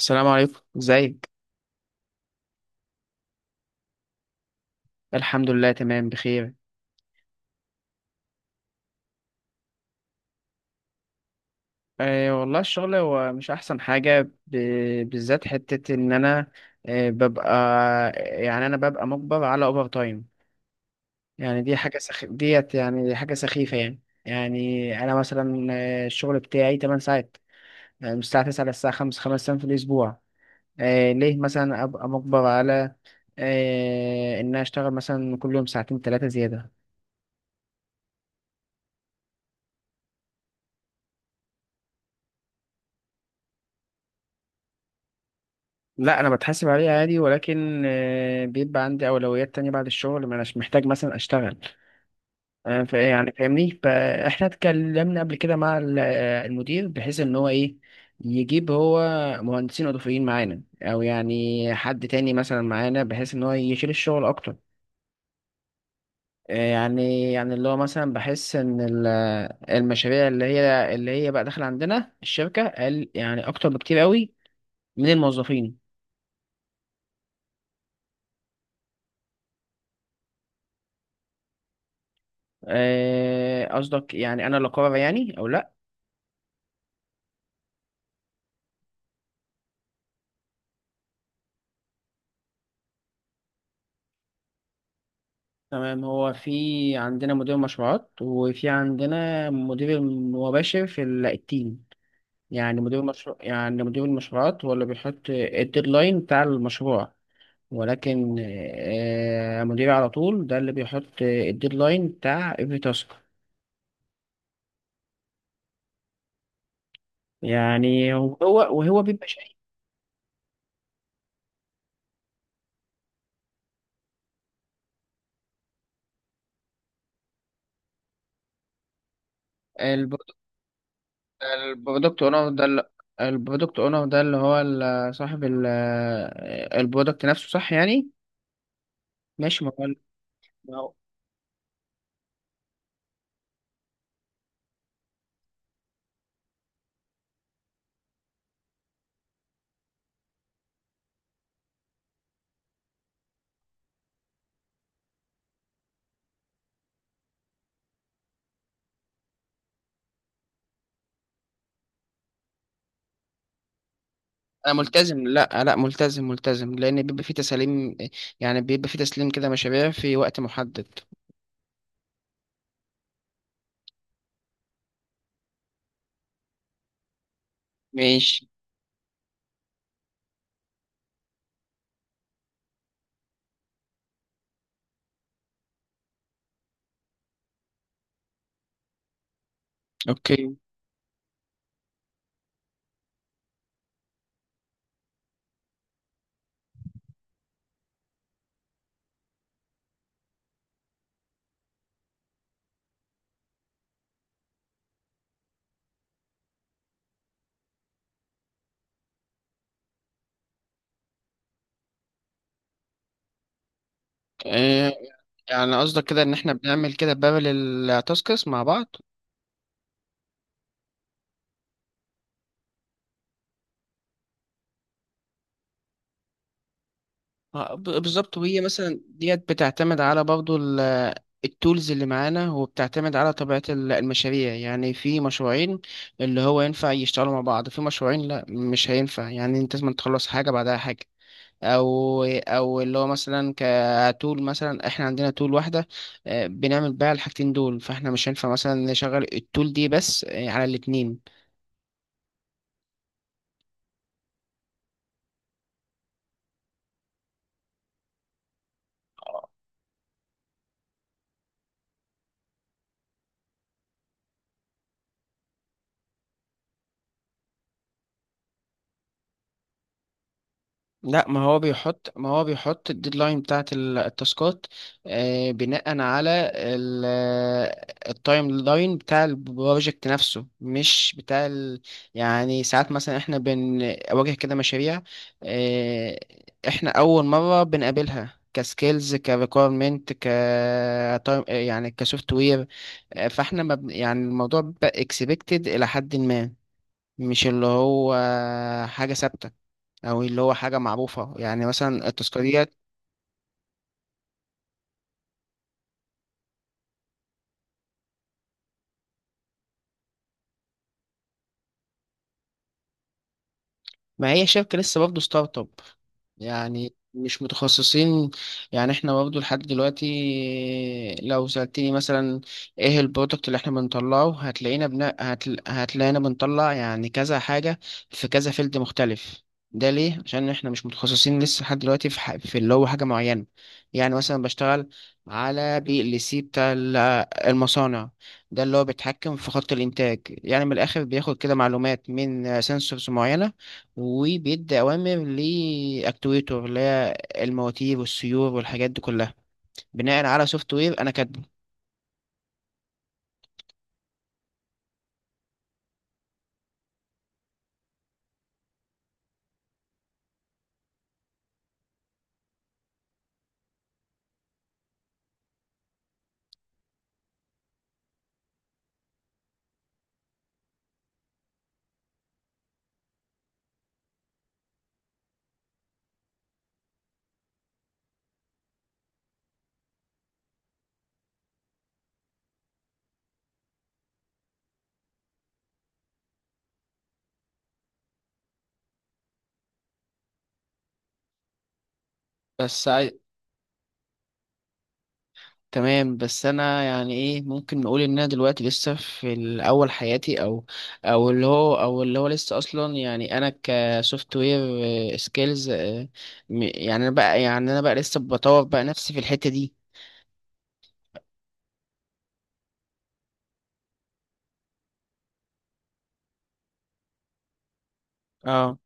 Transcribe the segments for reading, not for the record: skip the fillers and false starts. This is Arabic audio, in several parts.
السلام عليكم، ازيك؟ الحمد لله تمام بخير. والله الشغل هو مش احسن حاجة. ب... بالذات حتة ان انا ببقى، يعني انا ببقى مجبر على اوفر تايم. يعني دي حاجة سخ... ديت يعني دي حاجة سخيفة يعني. يعني انا مثلا الشغل بتاعي 8 ساعات، يعني من الساعة 9 للساعة 5، خمس ايام في الاسبوع. أه ليه مثلا ابقى مجبر على ان أنا اشتغل مثلا كل يوم ساعتين ثلاثة زيادة. لا انا بتحاسب عليه عادي، ولكن بيبقى عندي اولويات تانية بعد الشغل، ما اناش محتاج مثلا اشتغل. يعني فاهمني، فاحنا اتكلمنا قبل كده مع المدير بحيث ان هو ايه، يجيب هو مهندسين اضافيين معانا، او يعني حد تاني مثلا معانا بحيث ان هو يشيل الشغل اكتر. يعني اللي هو مثلا بحس ان المشاريع اللي هي بقى داخله عندنا الشركه قل يعني اكتر بكتير قوي من الموظفين. قصدك يعني انا اللي اقرر يعني او لا. تمام، هو في عندنا مدير مشروعات وفي عندنا مدير مباشر في التيم، يعني مدير مشروع، يعني مدير المشروعات هو اللي بيحط الديدلاين بتاع المشروع. ولكن مديري على طول ده اللي بيحط الديدلاين بتاع every تاسك. يعني هو، وهو بيبقى شايف. البرودكت البرودكت اونر ده اللي، البرودكت اونر ده اللي هو صاحب البرودكت نفسه، صح يعني؟ ماشي، ما هو، ما هو- انا ملتزم. لا لا ملتزم لان بيبقى في تسليم، يعني بيبقى في تسليم كده مشاريع في وقت محدد. ماشي. اوكي. آه، يعني قصدك كده ان احنا بنعمل كده بارل تاسكس مع بعض؟ بالظبط، وهي مثلا ديت بتعتمد على برضو التولز اللي معانا، وبتعتمد على طبيعة المشاريع. يعني في مشروعين اللي هو ينفع يشتغلوا مع بعض، في مشروعين لا مش هينفع، يعني انت لازم تخلص حاجة بعدها حاجة. او او اللي هو مثلا كتول، مثلا احنا عندنا تول واحده بنعمل بيها الحاجتين دول، فاحنا مش هينفع مثلا نشغل التول دي بس على الاتنين. لا، ما هو بيحط الديدلاين بتاعت التاسكات بناء على التايم لاين بتاع البروجكت نفسه، مش بتاع يعني ساعات مثلا احنا بنواجه كده مشاريع آه، احنا اول مرة بنقابلها كسكيلز كريكويرمنت، ك time- آه، يعني كسوفت وير. فاحنا ما بن- يعني الموضوع بيبقى اكسبكتد الى حد ما، مش اللي هو حاجة ثابتة او اللي هو حاجه معروفه. يعني مثلا التذكاريات، ما هي شركة لسه برضه ستارت اب، يعني مش متخصصين. يعني احنا برضه لحد دلوقتي، لو سألتني مثلا ايه البرودكت اللي احنا بنطلعه، هتلاقينا بنطلع يعني كذا حاجة في كذا فيلد مختلف. ده ليه؟ عشان احنا مش متخصصين لسه لحد دلوقتي في اللي هو حاجة معينة. يعني مثلا بشتغل على بي ال سي بتاع المصانع، ده اللي هو بيتحكم في خط الإنتاج. يعني من الآخر بياخد كده معلومات من سنسورز معينة، وبيدي أوامر لأكتويتور اللي هي المواتير والسيور والحاجات دي كلها، بناء على سوفت وير أنا كاتبه. بس عاي... تمام، بس أنا يعني إيه، ممكن نقول إن أنا دلوقتي لسه في الأول حياتي، أو اللي هو لسه أصلا، يعني أنا كسوفت وير سكيلز، يعني أنا بقى لسه بطور بقى نفسي في الحتة دي. اه.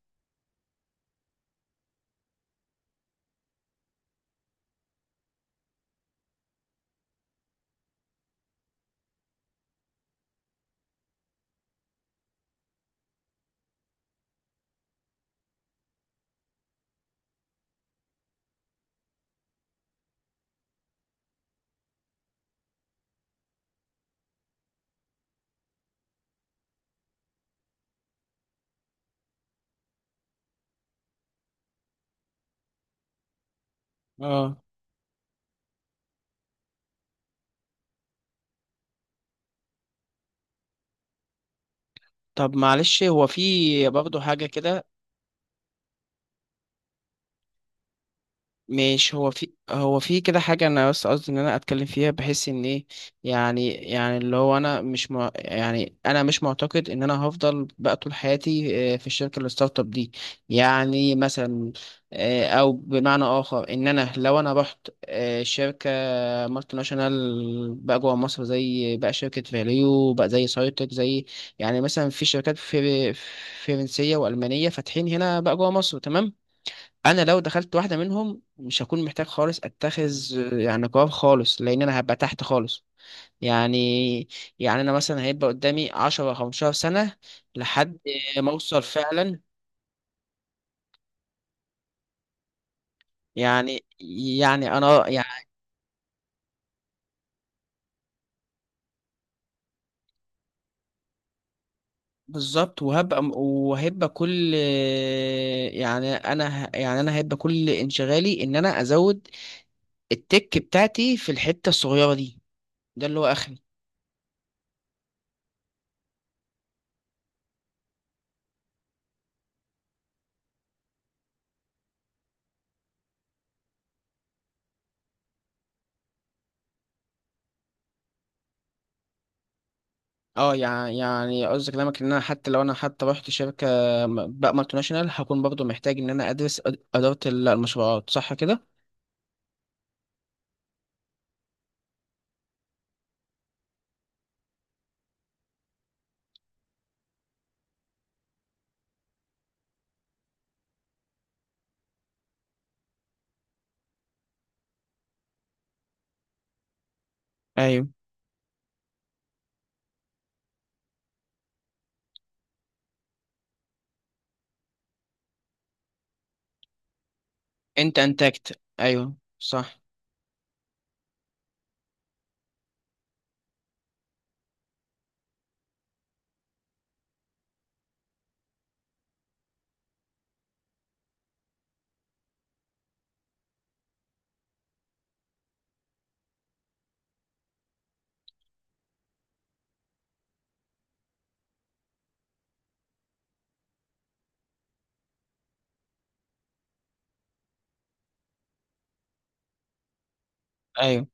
اه. طب معلش، هو في برضه حاجة كده، مش هو في، هو في كده حاجة أنا بس قصدي إن أنا أتكلم فيها بحيث إن إيه، يعني يعني اللي هو أنا مش مع، يعني أنا مش معتقد إن أنا هفضل بقى طول حياتي في الشركة الستارت اب دي. يعني مثلا أو بمعنى آخر، إن أنا لو أنا رحت شركة مالتي ناشونال بقى جوه مصر، زي بقى شركة فاليو، بقى زي سايتك، زي يعني مثلا في شركات في فرنسية وألمانية فاتحين هنا بقى جوه مصر. تمام. انا لو دخلت واحده منهم مش هكون محتاج خالص اتخذ يعني قرار خالص، لان انا هبقى تحت خالص. يعني، يعني انا مثلا هيبقى قدامي 10 15 سنه لحد ما اوصل فعلا يعني. يعني انا يعني بالظبط، وهبقى وهبقى كل يعني انا ه- يعني انا هيبقى كل انشغالي ان انا ازود التك بتاعتي في الحته الصغيره دي، ده اللي هو اخري. اه، قصدي كلامك ان انا حتى لو انا حتى رحت شركه بقى مالتي ناشونال، هكون برضه محتاج ان انا ادرس اداره المشروعات، صح كده؟ ايوه. انت انتكت، ايوه صح. ايوه.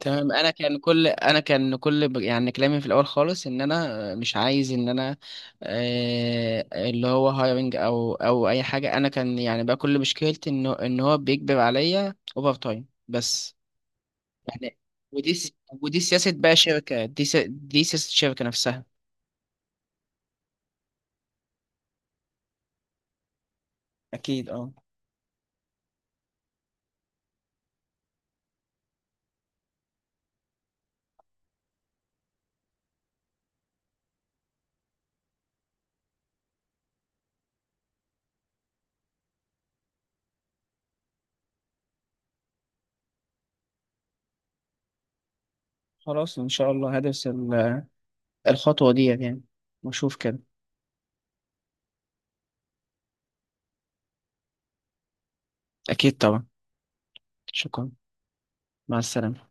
تمام، انا كان كل انا كان كل ب- يعني كلامي في الاول خالص، ان انا مش عايز ان انا اللي هو هايرنج او او اي حاجه. انا كان يعني بقى كل مشكلتي ان ان هو بيجبر عليا اوفر تايم بس، يعني. ودي س... ودي سياسة بقى شركة، دي سياسة الشركة نفسها. أكيد، أه. خلاص، إن شاء الله هدرس الخطوة دي يعني، وأشوف كده. أكيد طبعا. شكرا. مع السلامة.